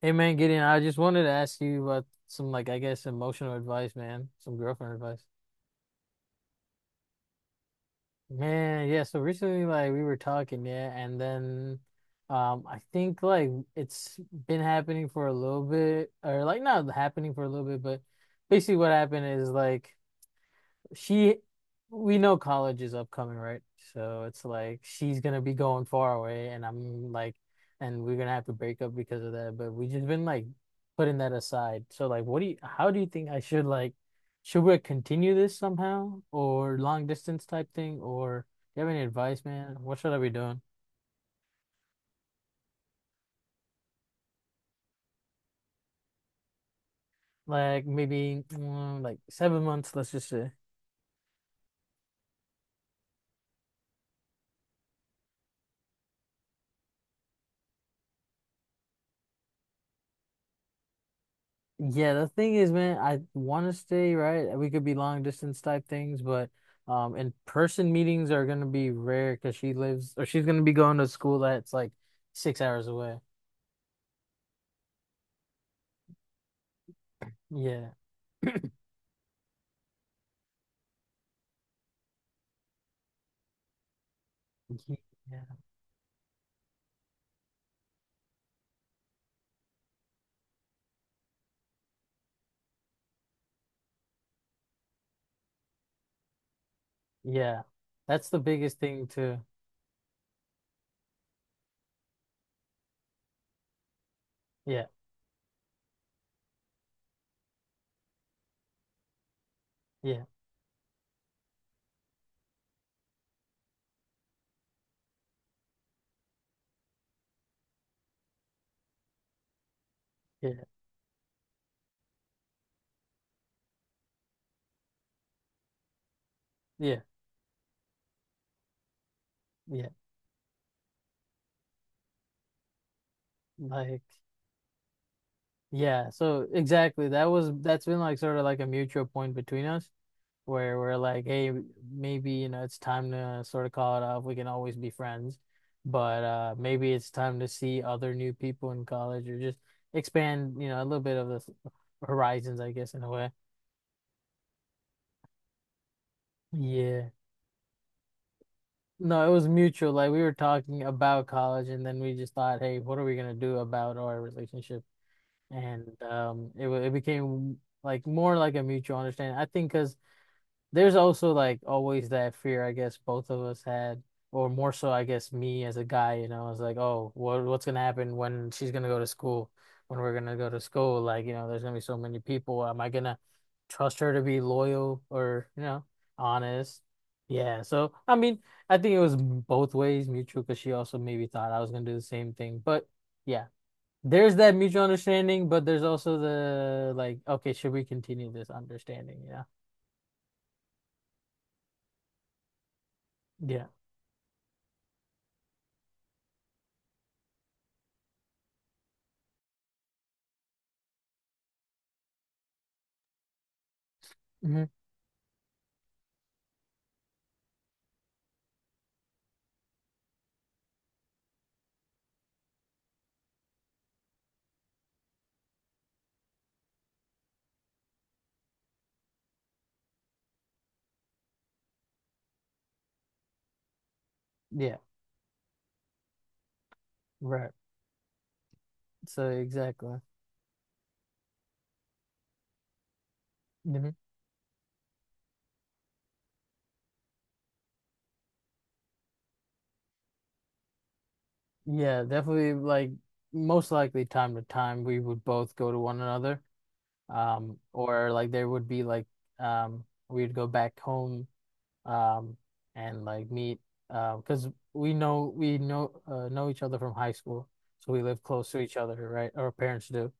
Hey man, Gideon, I just wanted to ask you about some, like, I guess emotional advice, man. Some girlfriend advice. Man, yeah, so recently, like, we were talking, yeah, and then I think like it's been happening for a little bit, or like not happening for a little bit, but basically what happened is like she we know college is upcoming, right? So it's like she's gonna be going far away, and I'm like, and we're gonna have to break up because of that. But we just been like putting that aside. So like what do you how do you think I should like, should we continue this somehow, or long distance type thing, or do you have any advice, man? What should I be doing? Like maybe like 7 months, let's just say. Yeah, the thing is, man, I want to stay, right? We could be long distance type things, but in person meetings are gonna be rare because she lives or she's gonna be going to school that's like 6 hours away. Yeah. Ye- yeah, yeah. That's the biggest thing too. Yeah, yeah, yeah, yeah, yeah. Like, yeah. So exactly, that's been like sort of like a mutual point between us, where we're like, hey, maybe, you know, it's time to sort of call it off. We can always be friends, but maybe it's time to see other new people in college, or just expand, you know, a little bit of the horizons, I guess, in a way. Yeah. No, it was mutual. Like we were talking about college and then we just thought, hey, what are we gonna do about our relationship? And it became like more like a mutual understanding. I think because there's also like always that fear, I guess both of us had, or more so, I guess me as a guy, you know, I was like, oh, what's gonna happen when she's gonna go to school, when we're gonna go to school? Like, you know, there's gonna be so many people. Am I gonna trust her to be loyal, or, you know, honest? Yeah. So, I mean, I think it was both ways mutual because she also maybe thought I was gonna do the same thing, but yeah. There's that mutual understanding, but there's also the, like, okay, should we continue this understanding? Yeah. Yeah. Mhm. Yeah, right. So exactly. Hmm. Yeah, definitely like most likely time to time we would both go to one another. Or like there would be like we'd go back home um and like meet, because we know, know each other from high school. So we live close to each other, right? Our parents do.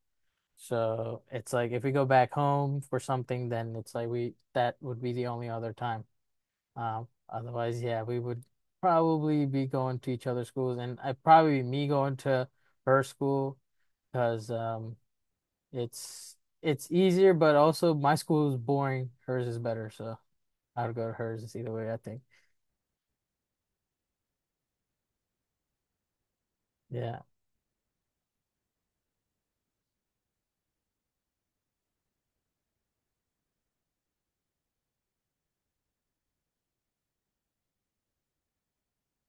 So it's like if we go back home for something, then it's like we that would be the only other time. Otherwise, yeah, we would probably be going to each other's schools, and I'd probably be me going to her school because it's it's easier, but also my school is boring. Hers is better, so I would go to hers. It's either way, I think. Yeah,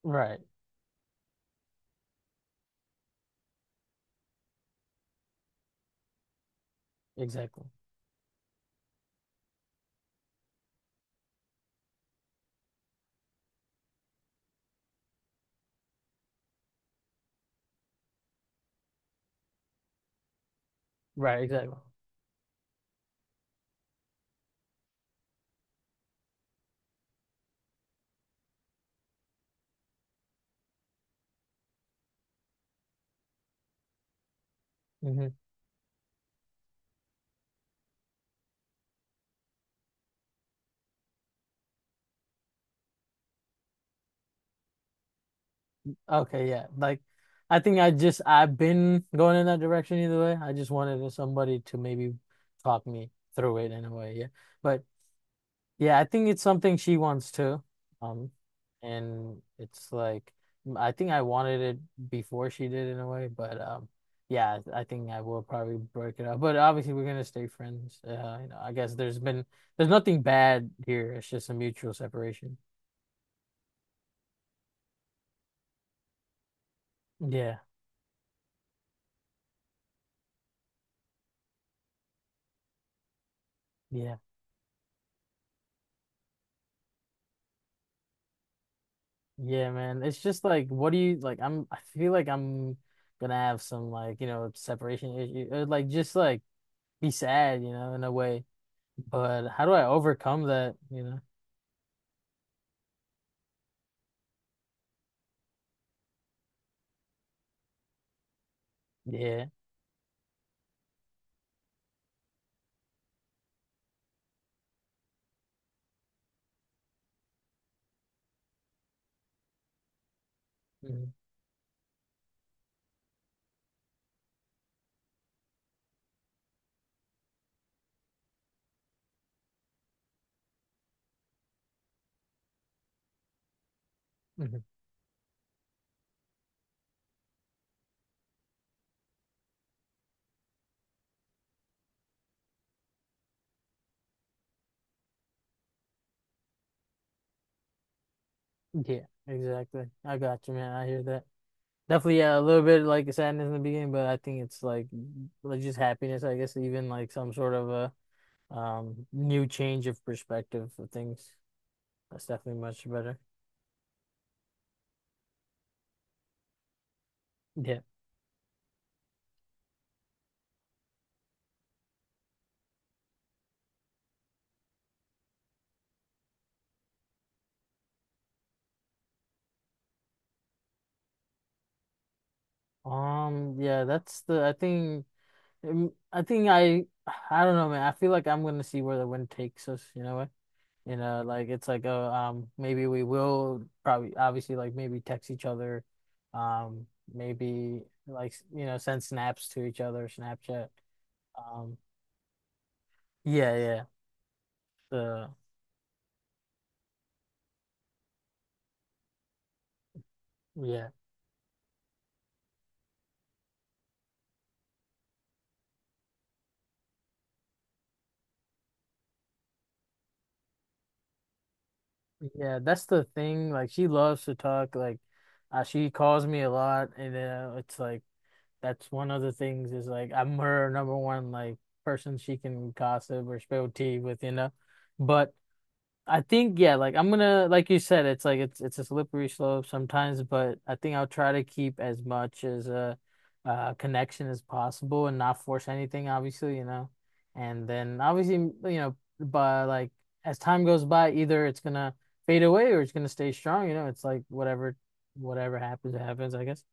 right, exactly, right, exactly. Hmm. Okay, yeah, like I think I just, I've been going in that direction either way. I just wanted somebody to maybe talk me through it in a way, yeah. But yeah, I think it's something she wants too. Um, and it's like I think I wanted it before she did in a way, but yeah, I think I will probably break it up. But obviously, we're gonna stay friends. You know, I guess there's nothing bad here. It's just a mutual separation. Yeah, yeah, yeah, man. It's just like, what do you, like, I'm, I feel like I'm gonna have some like, you know, separation issue, or like just like be sad, you know, in a way. But how do I overcome that, you know? Yeah. Mm-hmm. Yeah, exactly. I got you, man. I hear that. Definitely, yeah, a little bit like sadness in the beginning, but I think it's like, just happiness, I guess, even like some sort of a new change of perspective for things. That's definitely much better. Yeah. Yeah, that's the, I think um, I think I I don't know, man. I feel like I'm gonna see where the wind takes us, you know what? You know, like it's like a maybe we will probably obviously, like, maybe text each other, um, maybe like, you know, send snaps to each other, Snapchat. Um, yeah, yeah, the yeah, yeah. That's the thing. Like she loves to talk. Like she calls me a lot, and it's like that's one of the things, is like I'm her number one, like, person she can gossip or spill tea with, you know. But I think, yeah, like, I'm gonna, like you said, it's like it's a slippery slope sometimes, but I think I'll try to keep as much as a connection as possible and not force anything, obviously, you know. And then obviously, you know, but like as time goes by, either it's gonna fade away or it's gonna stay strong, you know. It's like whatever happens, it happens, I guess.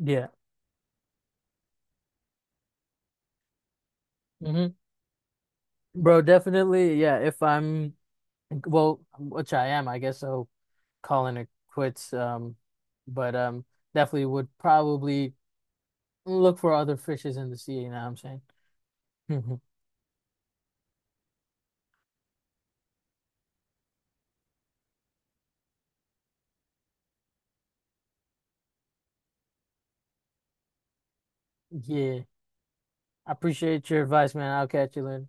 Yeah. Hmm. Bro, definitely, yeah. If I'm, well, which I am, I guess, so calling it quits. But definitely would probably look for other fishes in the sea. You know what I'm saying? Yeah, I appreciate your advice, man. I'll catch you later.